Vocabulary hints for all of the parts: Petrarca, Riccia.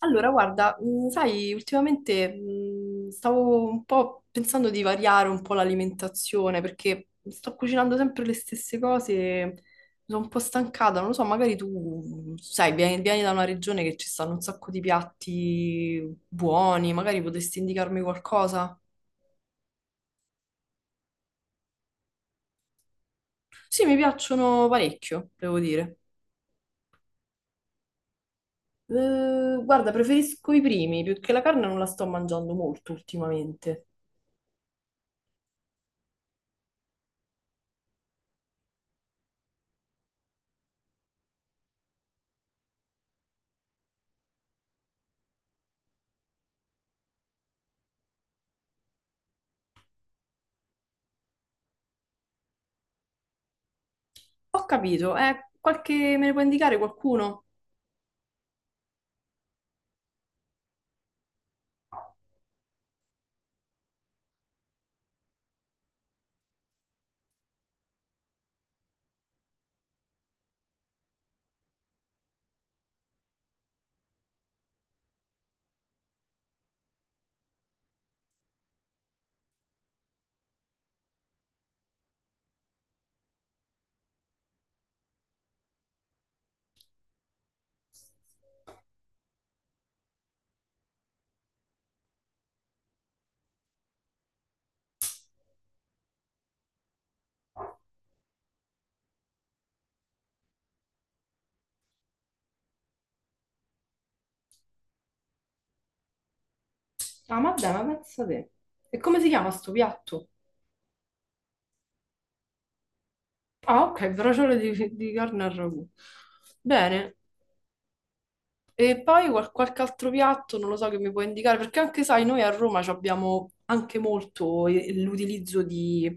Allora, guarda, sai, ultimamente stavo un po' pensando di variare un po' l'alimentazione perché sto cucinando sempre le stesse cose, mi sono un po' stancata, non lo so, magari tu, sai, vieni da una regione che ci stanno un sacco di piatti buoni, magari potresti indicarmi qualcosa? Sì, mi piacciono parecchio, devo dire. Guarda, preferisco i primi, più che la carne non la sto mangiando molto ultimamente. Ho capito, qualche... me ne può indicare qualcuno? Ah, ma dai, ma pensa te. E come si chiama sto piatto? Ah, ok, braciole di carne al ragù. Bene. E poi qualche altro piatto, non lo so, che mi puoi indicare, perché anche sai, noi a Roma ci abbiamo anche molto l'utilizzo di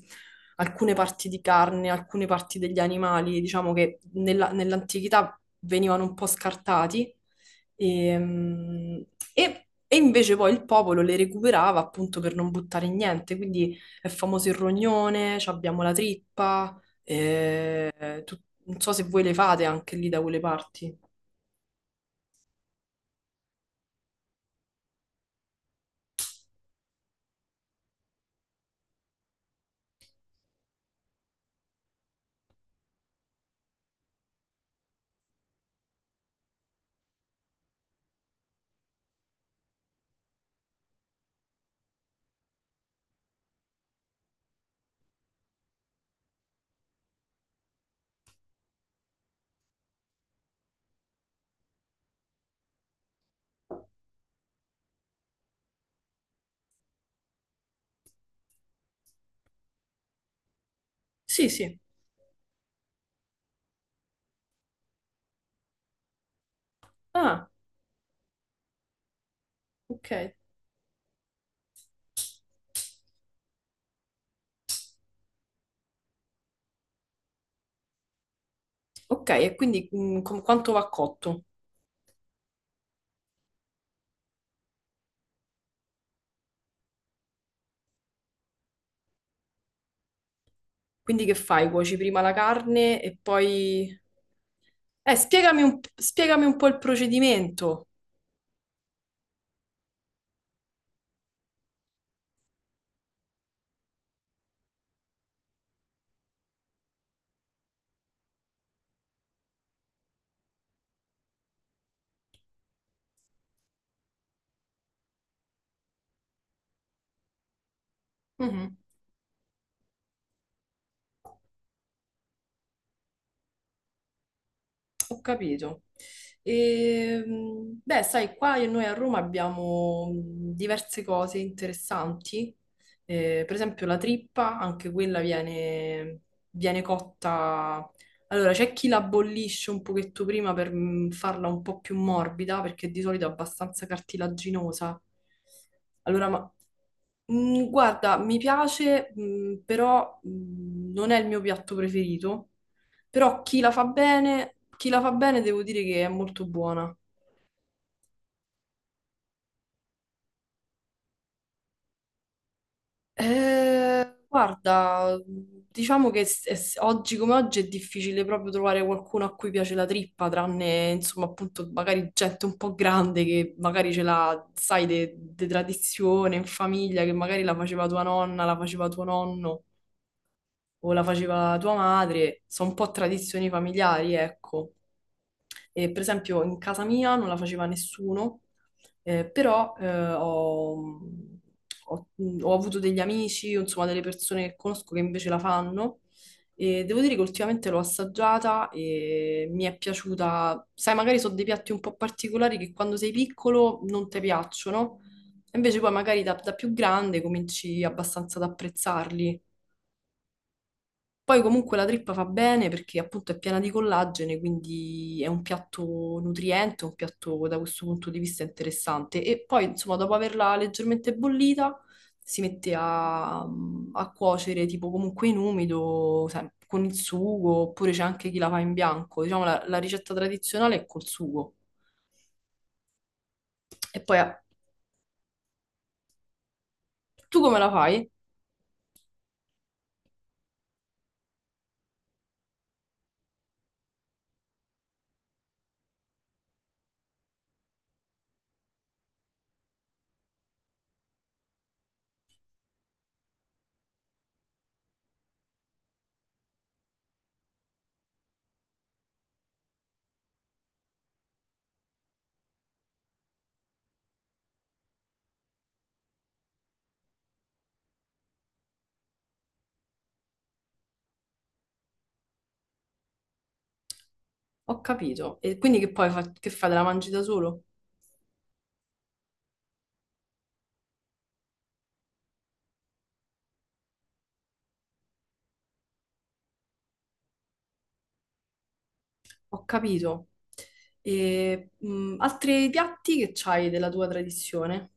alcune parti di carne, alcune parti degli animali, diciamo che nell'antichità venivano un po' scartati, ehm, e invece poi il popolo le recuperava appunto per non buttare niente, quindi è famoso il rognone, ci abbiamo la trippa, non so se voi le fate anche lì da quelle parti. Sì, sì. Ah. Ok, ok, e quindi quanto va cotto? Quindi che fai? Cuoci prima la carne e poi... spiegami un po' il procedimento. Mhm. Ho capito. E, beh, sai, qua noi a Roma abbiamo diverse cose interessanti. Per esempio la trippa, anche viene cotta. Allora, c'è chi la bollisce un pochetto prima per farla un po' più morbida, perché di solito è abbastanza cartilaginosa. Allora, ma guarda, mi piace, però non è il mio piatto preferito. Però chi la fa bene devo dire che è molto buona. Guarda, diciamo che oggi come oggi è difficile proprio trovare qualcuno a cui piace la trippa, tranne insomma appunto magari gente un po' grande che magari ce l'ha, sai, di tradizione in famiglia, che magari la faceva tua nonna, la faceva tuo nonno o la faceva tua madre, sono un po' tradizioni familiari, ecco. Per esempio, in casa mia non la faceva nessuno, però ho- ho avuto degli amici, insomma, delle persone che conosco che invece la fanno. E devo dire che ultimamente l'ho assaggiata e mi è piaciuta. Sai, magari sono dei piatti un po' particolari che quando sei piccolo non ti piacciono, invece poi magari da più grande cominci abbastanza ad apprezzarli. Poi comunque la trippa fa bene perché appunto è piena di collagene, quindi è un piatto nutriente, un piatto da questo punto di vista interessante. E poi insomma dopo averla leggermente bollita si mette a cuocere tipo comunque in umido, sai, con il sugo, oppure c'è anche chi la fa in bianco. Diciamo la ricetta tradizionale è col sugo. E poi ah, tu come la fai? Ho capito. E quindi che fai? Te la mangi da solo? Ho capito. E, altri piatti che c'hai della tua tradizione?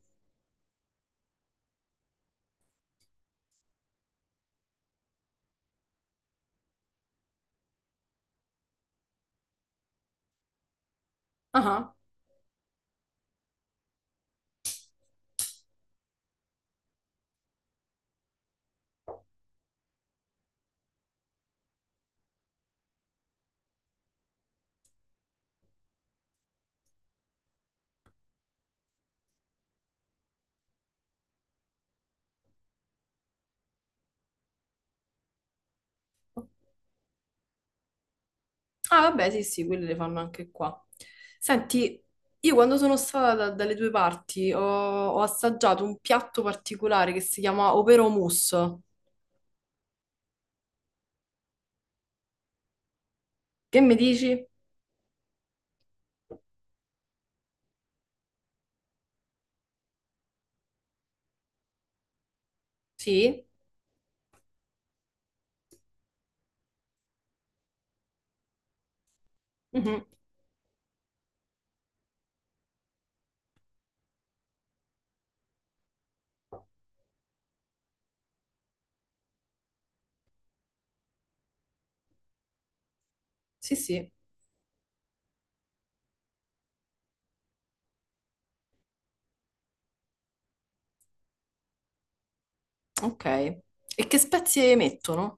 Ah, ah. Ah, vabbè, sì, sì, quelli le fanno anche qua. Senti, io quando sono stata dalle tue parti ho, ho assaggiato un piatto particolare che si chiama Overo Mousse. Che mi dici? Sì? Mhm. Sì, sì. Ok. E che spezie mettono?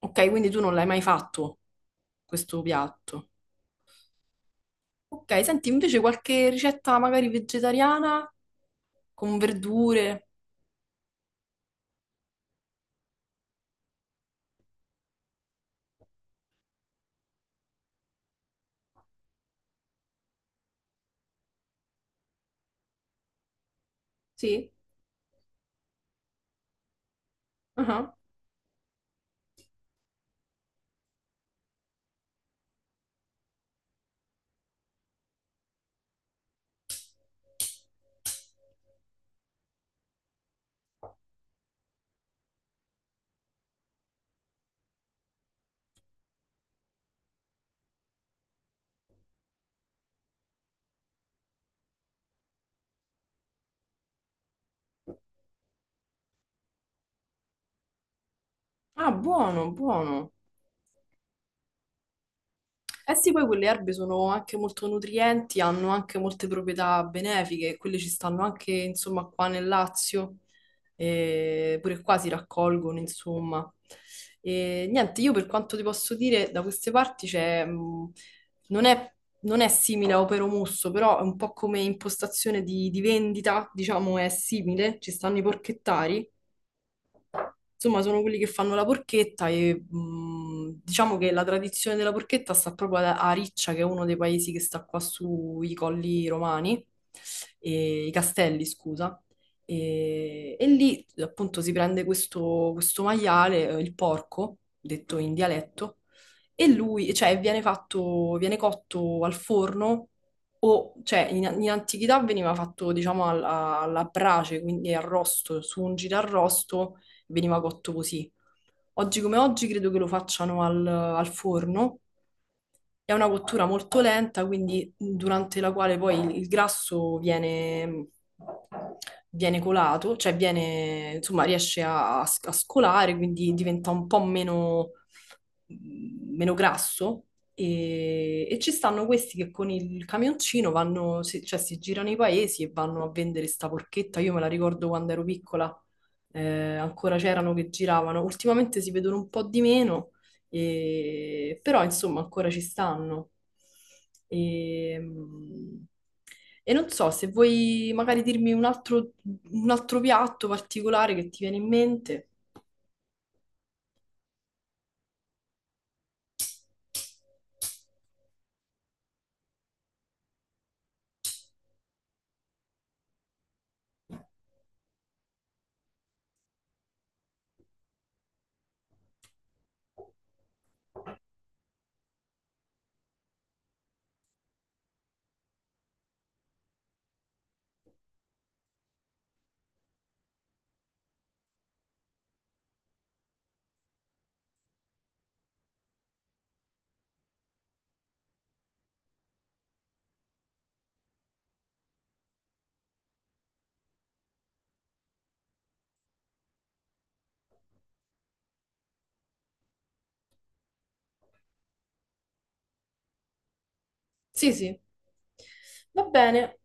Ok, quindi tu non l'hai mai fatto questo piatto. Ok, senti invece qualche ricetta magari vegetariana con verdure. Sì? Ah. Ah, buono, buono. Eh sì, poi quelle erbe sono anche molto nutrienti, hanno anche molte proprietà benefiche, quelle ci stanno anche, insomma, qua nel Lazio, e pure qua si raccolgono, insomma. E niente, io per quanto ti posso dire, da queste parti c'è, non è, non è simile a Opero Musso, però è un po' come impostazione di vendita, diciamo, è simile, ci stanno i porchettari. Insomma, sono quelli che fanno la porchetta e diciamo che la tradizione della porchetta sta proprio a Riccia, che è uno dei paesi che sta qua sui colli romani, i castelli, scusa. E lì appunto si prende questo, questo maiale, il porco, detto in dialetto, e lui, cioè, viene fatto, viene cotto al forno o, cioè, in antichità veniva fatto, diciamo, alla brace, quindi arrosto, su un girarrosto veniva cotto così. Oggi come oggi credo che lo facciano al forno. È una cottura molto lenta, quindi durante la quale poi il grasso viene colato, cioè viene, insomma, riesce a scolare, quindi diventa un po' meno meno grasso e ci stanno questi che con il camioncino vanno, cioè si girano i paesi e vanno a vendere sta porchetta. Io me la ricordo quando ero piccola, ancora c'erano che giravano. Ultimamente si vedono un po' di meno, però insomma ancora ci stanno. E, non so se vuoi magari dirmi un altro piatto particolare che ti viene in mente. Sì, sì. Va bene.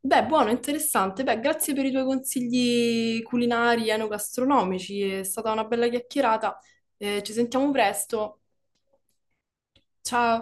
Beh, buono, interessante. Beh, grazie per i tuoi consigli culinari e enogastronomici. È stata una bella chiacchierata. Ci sentiamo presto. Ciao.